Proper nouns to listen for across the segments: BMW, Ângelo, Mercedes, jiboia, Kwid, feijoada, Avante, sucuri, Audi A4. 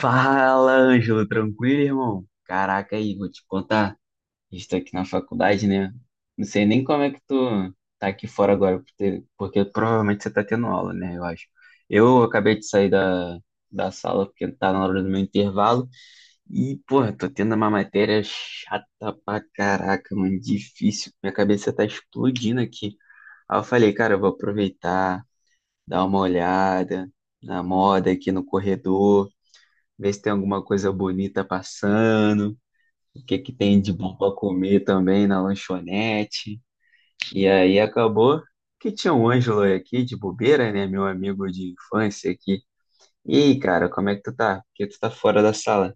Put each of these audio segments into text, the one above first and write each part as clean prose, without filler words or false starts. Fala, Ângelo, tranquilo, irmão? Caraca, aí, vou te contar. Estou aqui na faculdade, né? Não sei nem como é que tu tá aqui fora agora, porque provavelmente você tá tendo aula, né? Eu acho. Eu acabei de sair da sala porque tá na hora do meu intervalo e, porra, tô tendo uma matéria chata pra caraca, mano, difícil. Minha cabeça tá explodindo aqui. Aí eu falei, cara, eu vou aproveitar, dar uma olhada na moda aqui no corredor, ver se tem alguma coisa bonita passando, o que que tem de bom para comer também na lanchonete. E aí acabou que tinha um Ângelo aqui de bobeira, né, meu amigo de infância aqui. E aí, cara, como é que tu tá? Porque tu tá fora da sala?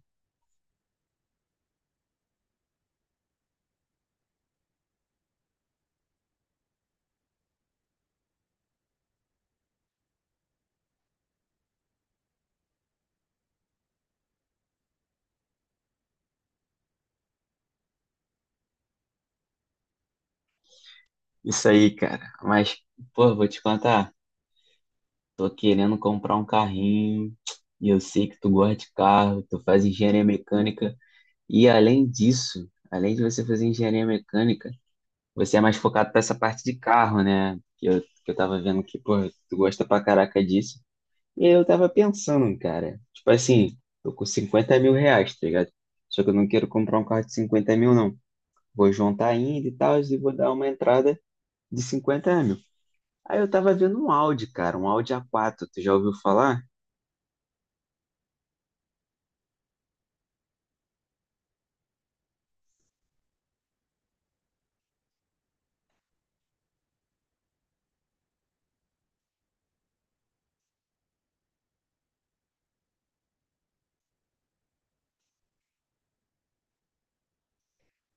Isso aí, cara. Mas, pô, vou te contar, tô querendo comprar um carrinho. E eu sei que tu gosta de carro, tu faz engenharia mecânica. E além disso, além de você fazer engenharia mecânica, você é mais focado para essa parte de carro, né? Que eu tava vendo que, pô, tu gosta pra caraca disso. E aí eu tava pensando, cara, tipo assim, tô com R$ 50.000, tá ligado? Só que eu não quero comprar um carro de 50.000, não. Vou juntar ainda e tal, e vou dar uma entrada de 50.000. Aí eu tava vendo um Audi, cara, um Audi A4, tu já ouviu falar?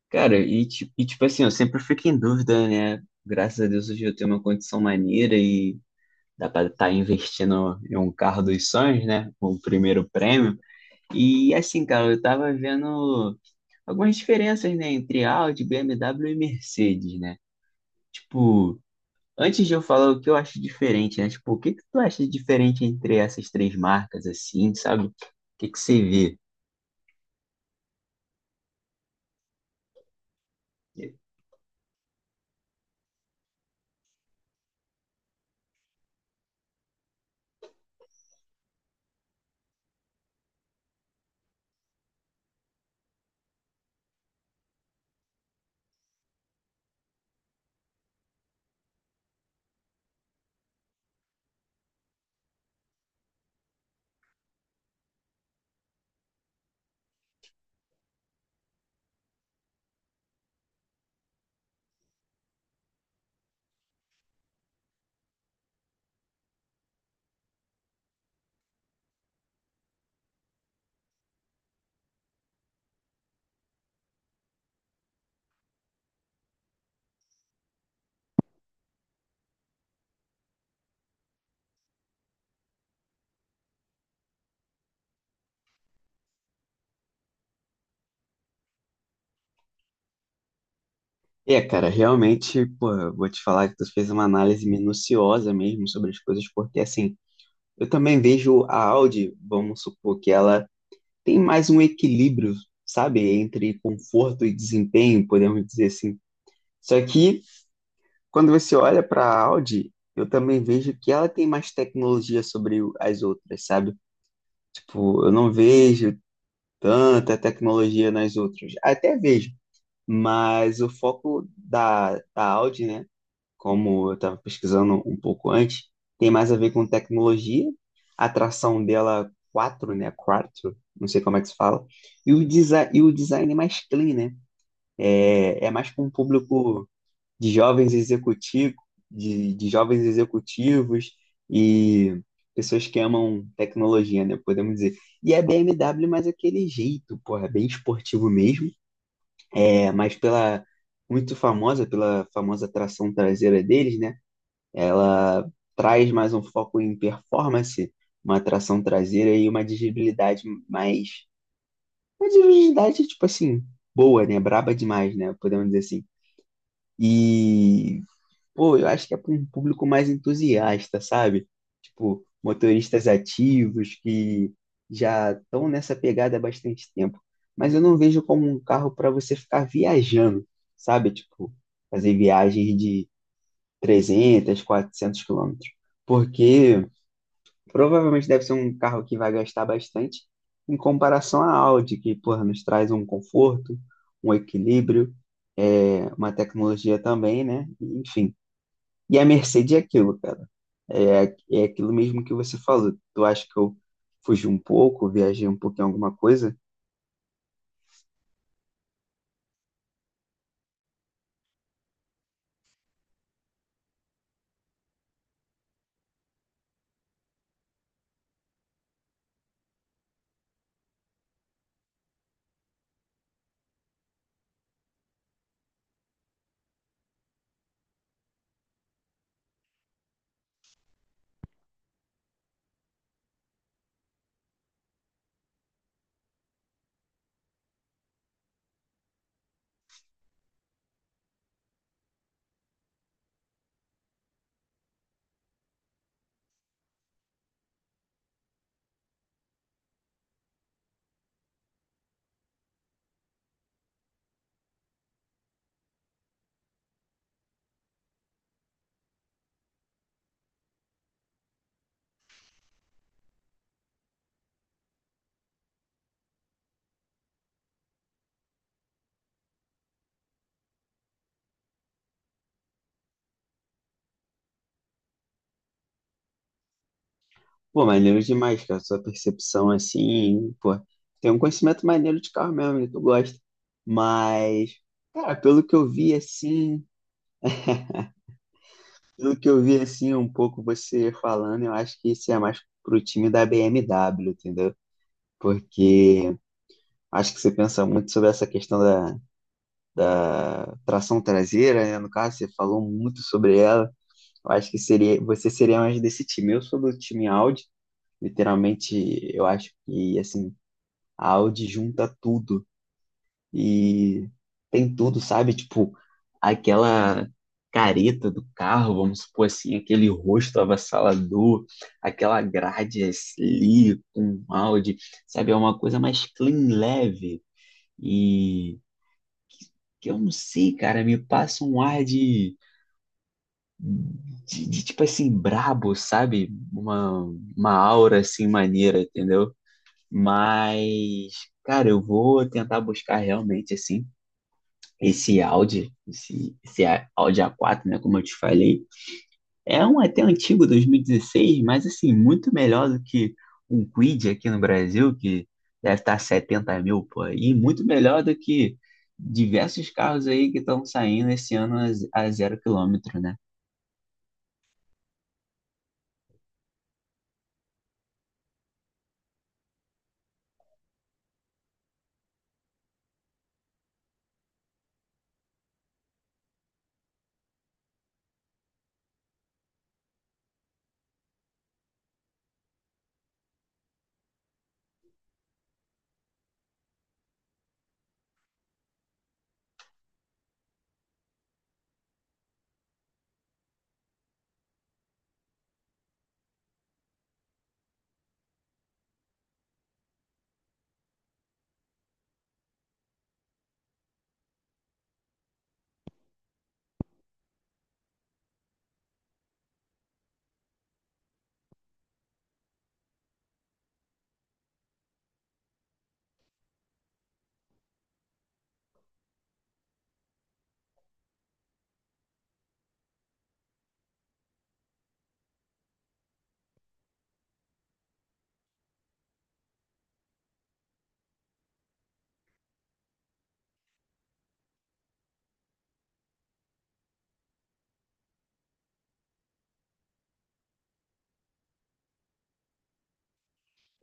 Cara, e tipo assim, eu sempre fico em dúvida, né? Graças a Deus hoje eu tenho uma condição maneira e dá para estar investindo em um carro dos sonhos, né? O primeiro prêmio. E assim, cara, eu tava vendo algumas diferenças, né, entre Audi, BMW e Mercedes, né? Tipo, antes de eu falar o que eu acho diferente, né? Tipo, o que que tu acha diferente entre essas três marcas, assim, sabe? O que que você vê? É, cara, realmente, pô, eu vou te falar que tu fez uma análise minuciosa mesmo sobre as coisas, porque assim, eu também vejo a Audi, vamos supor que ela tem mais um equilíbrio, sabe, entre conforto e desempenho, podemos dizer assim. Só que quando você olha para a Audi, eu também vejo que ela tem mais tecnologia sobre as outras, sabe? Tipo, eu não vejo tanta tecnologia nas outras. Até vejo, mas o foco da Audi, né? Como eu estava pesquisando um pouco antes, tem mais a ver com tecnologia, a tração dela quatro, né? Quatro, não sei como é que se fala, e o, desi e o design é mais clean, né? É, é mais para um público de jovens executivos, de jovens executivos e pessoas que amam tecnologia, né? Podemos dizer. E é BMW, mas aquele jeito, porra, bem esportivo mesmo, é, mas pela muito famosa pela famosa tração traseira deles, né? Ela traz mais um foco em performance, uma tração traseira e uma dirigibilidade mais. Uma dirigibilidade, tipo assim, boa, né? Braba demais, né? Podemos dizer assim. E, pô, eu acho que é para um público mais entusiasta, sabe? Tipo, motoristas ativos que já estão nessa pegada há bastante tempo. Mas eu não vejo como um carro para você ficar viajando, sabe? Tipo, fazer viagens de 300, 400 km. Porque provavelmente deve ser um carro que vai gastar bastante em comparação à Audi, que, porra, nos traz um conforto, um equilíbrio, é, uma tecnologia também, né? Enfim. E a Mercedes é aquilo, cara. É, é aquilo mesmo que você falou. Tu acha que eu fugi um pouco, viajei um pouquinho em alguma coisa? Pô, maneiro demais, cara. Sua percepção assim, pô. Tem um conhecimento maneiro de carro mesmo, né? Tu gosta. Mas, cara, pelo que eu vi assim, pelo que eu vi assim um pouco você falando, eu acho que isso é mais pro time da BMW, entendeu? Porque acho que você pensa muito sobre essa questão da tração traseira, né? No caso, você falou muito sobre ela. Eu acho que seria, você seria mais desse time. Eu sou do time Audi, literalmente, eu acho que assim, a Audi junta tudo e tem tudo, sabe? Tipo, aquela careta do carro, vamos supor assim, aquele rosto avassalador, aquela grade ali com áudio, sabe? É uma coisa mais clean, leve, e que eu não sei, cara, me passa um ar de tipo assim, brabo, sabe? Uma aura assim maneira, entendeu? Mas, cara, eu vou tentar buscar realmente assim esse Audi, esse Audi A4, né, como eu te falei, é um até antigo 2016, mas assim, muito melhor do que um Kwid aqui no Brasil, que deve estar 70 mil por aí, muito melhor do que diversos carros aí que estão saindo esse ano a, a zero quilômetro, né?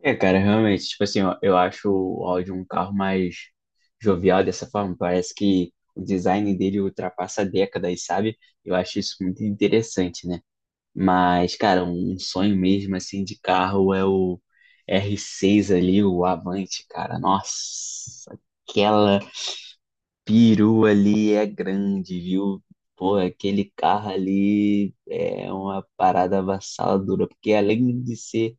É, cara, realmente, tipo assim, ó, eu acho o Audi um carro mais jovial dessa forma, parece que o design dele ultrapassa décadas, sabe? Eu acho isso muito interessante, né? Mas, cara, um sonho mesmo assim de carro é o R6 ali, o Avante, cara. Nossa, aquela perua ali é grande, viu? Pô, aquele carro ali é uma parada avassaladora, porque além de ser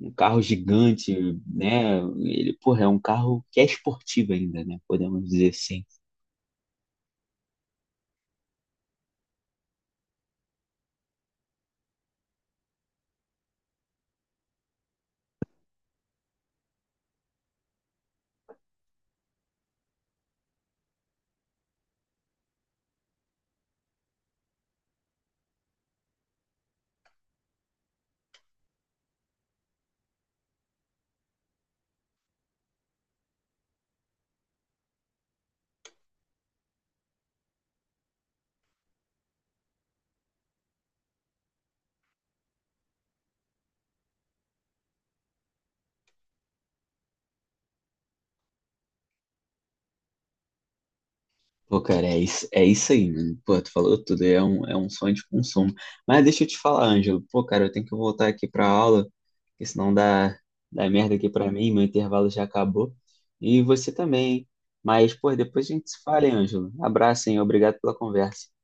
um carro gigante, né? Ele, porra, é um carro que é esportivo ainda, né? Podemos dizer assim. Pô, cara, é isso aí, mano. Pô, tu falou tudo, é um sonho de consumo. Mas deixa eu te falar, Ângelo. Pô, cara, eu tenho que voltar aqui pra aula, porque senão dá, dá merda aqui pra mim, meu intervalo já acabou. E você também, hein? Mas, pô, depois a gente se fala, hein, Ângelo. Abraço, hein? Obrigado pela conversa.